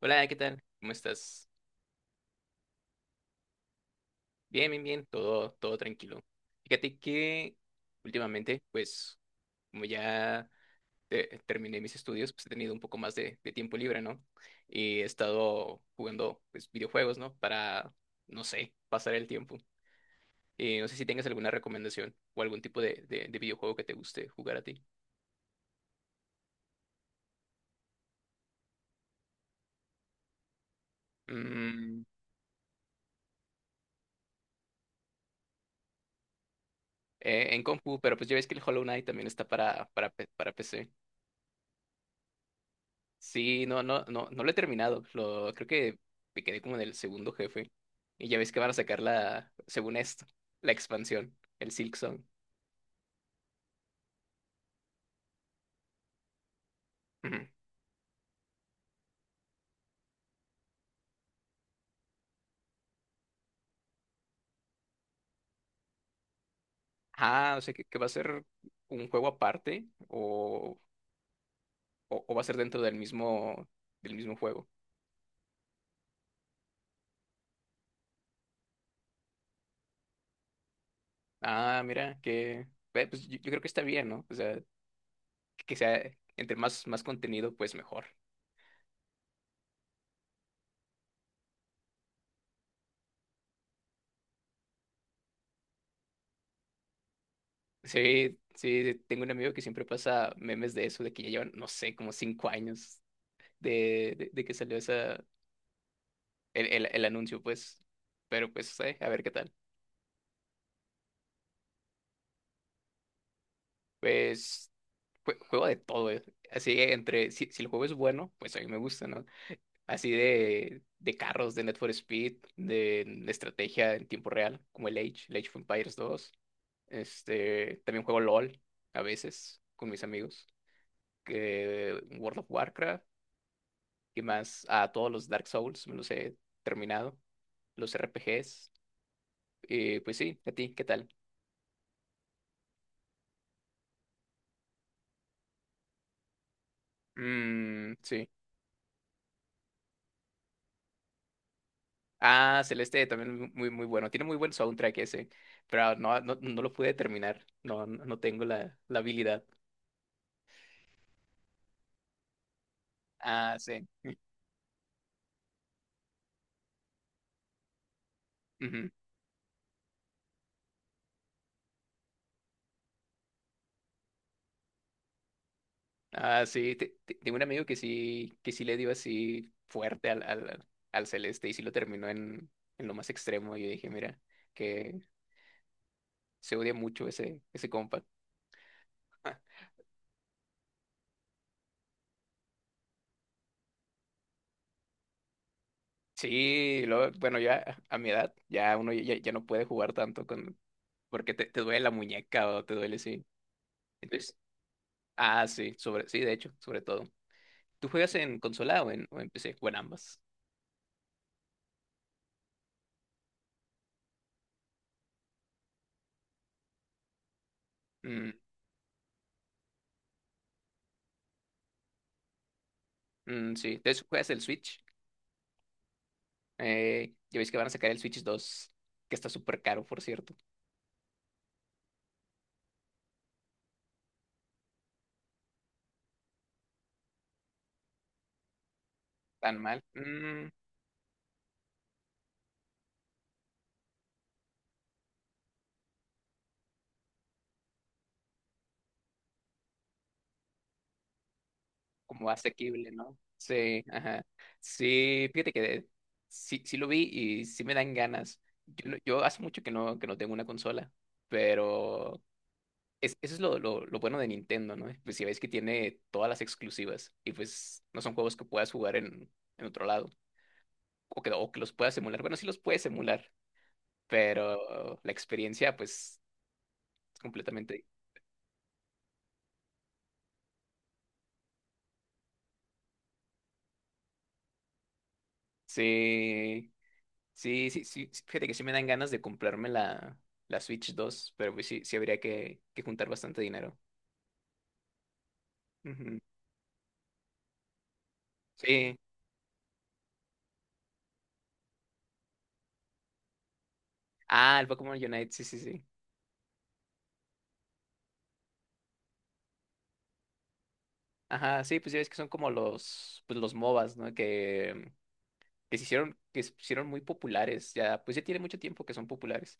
Hola, ¿qué tal? ¿Cómo estás? Bien, bien, bien, todo tranquilo. Fíjate que últimamente, pues, como ya terminé mis estudios, pues he tenido un poco más de tiempo libre, ¿no? Y he estado jugando, pues, videojuegos, ¿no? Para, no sé, pasar el tiempo. No sé si tengas alguna recomendación o algún tipo de videojuego que te guste jugar a ti. Mm. En compu, pero pues ya ves que el Hollow Knight también está para PC. Sí, no, no, no, no lo he terminado. Lo, creo que me quedé como en el segundo jefe. Y ya ves que van a sacar la, según esto, la expansión, el Silk Song. Ujú. Ah, o sea, que va a ser un juego aparte o, o va a ser dentro del mismo juego. Ah, mira, que, yo creo que está bien, ¿no? O sea, que sea entre más, más contenido, pues mejor. Sí, sí, sí, tengo un amigo que siempre pasa memes de eso, de que ya llevan, no sé, como 5 años de que salió esa, el anuncio, pues. Pero pues, a ver qué tal. Pues juego de todo, eh. Así que entre, si el juego es bueno, pues a mí me gusta, ¿no? Así de carros, de Need for Speed, de estrategia en tiempo real, como el Age, el Age of Empires 2. Este, también juego LOL a veces con mis amigos. Que World of Warcraft y más a todos los Dark Souls, me los he terminado. Los RPGs. Y pues sí, a ti, ¿qué tal? Mm, sí. Ah, Celeste también muy, muy bueno. Tiene muy buen soundtrack ese, pero no, no, no lo pude terminar. No, no no tengo la, la habilidad. Ah, sí. Ujú. Ah, sí. Tengo un amigo que sí le dio así fuerte al Celeste y sí lo terminó en lo más extremo. Y yo dije, mira, que se odia mucho ese, ese compa. Ah, sí, luego, bueno, ya a mi edad, ya uno ya, ya no puede jugar tanto con, porque te duele la muñeca o te duele, sí. Ah, sí, sobre, sí, de hecho, sobre todo. ¿Tú juegas en consola o en PC? O en ambas. Mm, mm, sí, de hecho juegas el Switch. ¿Ya veis que van a sacar el Switch 2? Que está súper caro, por cierto. Tan mal. Mm, como asequible, ¿no? Sí, ajá. Sí, fíjate que sí, sí lo vi y sí me dan ganas. Yo, yo hace mucho que no tengo una consola, pero es, eso es lo bueno de Nintendo, ¿no? Pues si ves que tiene todas las exclusivas y pues no son juegos que puedas jugar en otro lado o que los puedas emular. Bueno, sí los puedes emular, pero la experiencia pues es completamente... Sí, sí, sí, sí, sí, fíjate que sí me dan ganas de comprarme la, la Switch 2, pero pues sí, sí habría que juntar bastante dinero. Ujú. Sí. Ah, el Pokémon Unite, sí, sí, sí. Ajá, sí, pues ya ves que son como los, pues los MOBAs, ¿no? Que se hicieron, que se hicieron muy populares, ya, pues ya tiene mucho tiempo que son populares.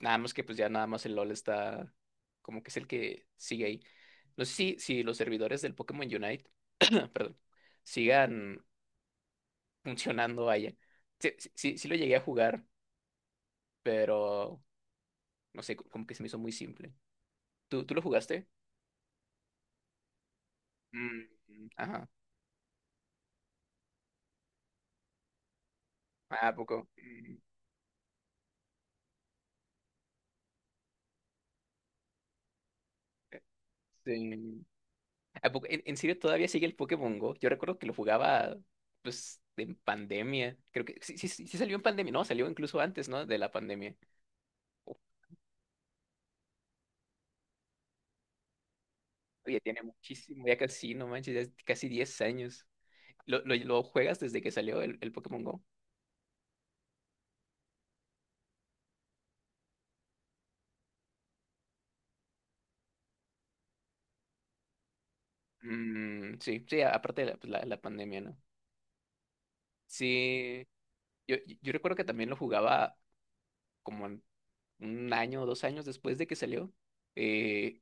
Nada más que pues ya nada más el LOL está como que es el que sigue ahí. No sé si, si los servidores del Pokémon Unite, perdón, sigan funcionando, allá. Sí, sí, sí, sí lo llegué a jugar, pero no sé, como que se me hizo muy simple. ¿Tú, tú lo jugaste? Mm, ajá. Ah, ¿a poco? Mm, eh, sí. Ah, en serio, todavía sigue el Pokémon Go. Yo recuerdo que lo jugaba, pues, en pandemia. Creo que sí, sí, sí sí salió en pandemia. No, salió incluso antes, ¿no? De la pandemia. Uf, ya tiene muchísimo, ya casi, no manches, ya es casi 10 años. Lo juegas desde que salió el Pokémon Go? Mm, sí, sí, aparte de la, pues, la pandemia, ¿no? Sí, yo, yo recuerdo que también lo jugaba como en un año o 2 años después de que salió. Eh,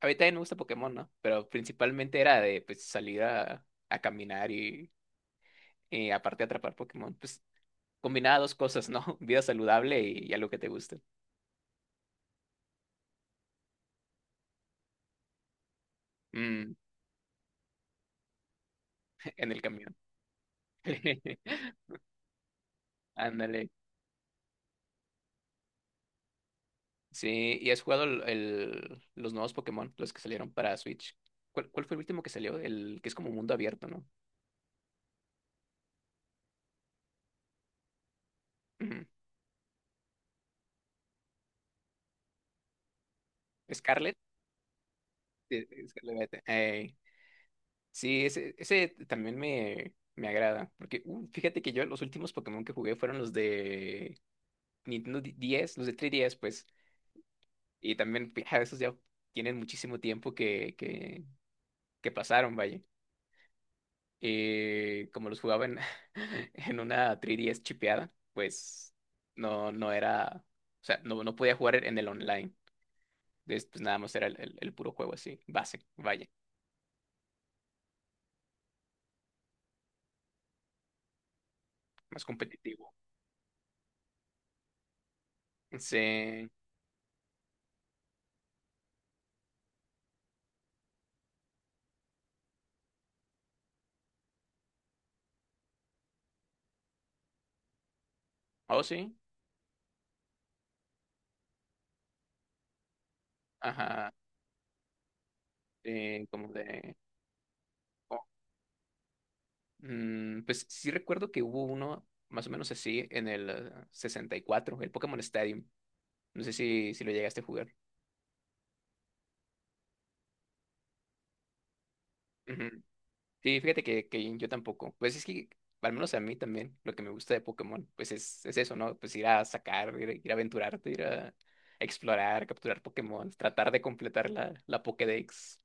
A mí también me gusta Pokémon, ¿no? Pero principalmente era de pues salir a caminar y aparte atrapar Pokémon. Pues combinaba dos cosas, ¿no? Vida saludable y algo que te guste. Mm, en el camión. Ándale. Sí, ¿y has jugado el, los nuevos Pokémon, los que salieron para Switch? ¿Cuál, cuál fue el último que salió? El que es como mundo abierto, ¿no? Ujú. Scarlet. Sí, sí, Scarlet. Ey. Sí, ese también me agrada. Porque fíjate que yo los últimos Pokémon que jugué fueron los de Nintendo DS, los de 3DS, pues. Y también, pues, ja, esos ya tienen muchísimo tiempo que pasaron, vaya. Como los jugaba en, en una 3DS chipeada, pues no, no era. O sea, no, no podía jugar en el online. Entonces, pues nada más era el, el puro juego así, base, vaya, más competitivo. Sí. Oh, sí. Ajá. Eh, como de. Mm, pues sí recuerdo que hubo uno más o menos así en el 64, el Pokémon Stadium. No sé si, si lo llegaste a jugar. Ujú. Sí, fíjate que yo tampoco. Pues es que, al menos a mí también, lo que me gusta de Pokémon, pues es eso, ¿no? Pues ir a sacar, ir, ir a aventurarte, ir a explorar, capturar Pokémon, tratar de completar la, la Pokédex.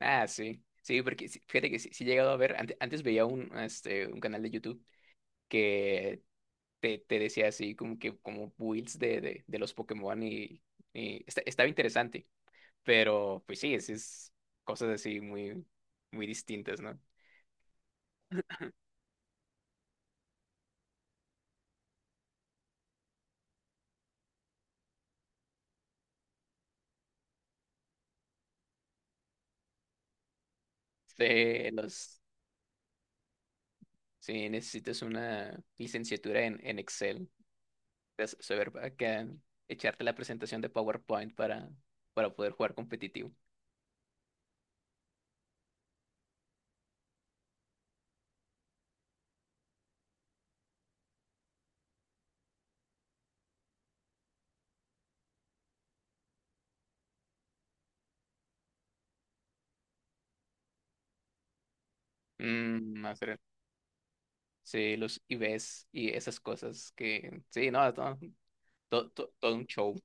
Ah, sí. Sí, porque sí, fíjate que sí, sí he llegado a ver, antes veía un, este, un canal de YouTube que te decía así, como que como builds de los Pokémon y, estaba interesante, pero pues sí, es cosas así muy, muy distintas, ¿no? Sí, los, sí, necesitas una licenciatura en Excel, de saber acá, echarte la presentación de PowerPoint para poder jugar competitivo. Mm, a ver, sí, los IVs y esas cosas que, sí, no, no, todo un show.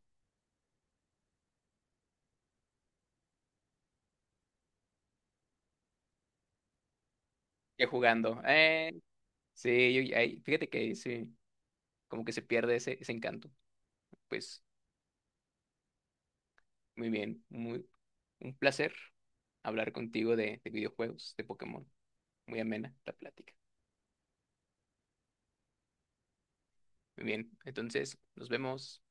Ya jugando. Eh, sí, fíjate que ahí sí, como que se pierde ese, ese encanto. Pues muy bien, muy, un placer hablar contigo de videojuegos, de Pokémon. Muy amena la plática. Muy bien, entonces nos vemos.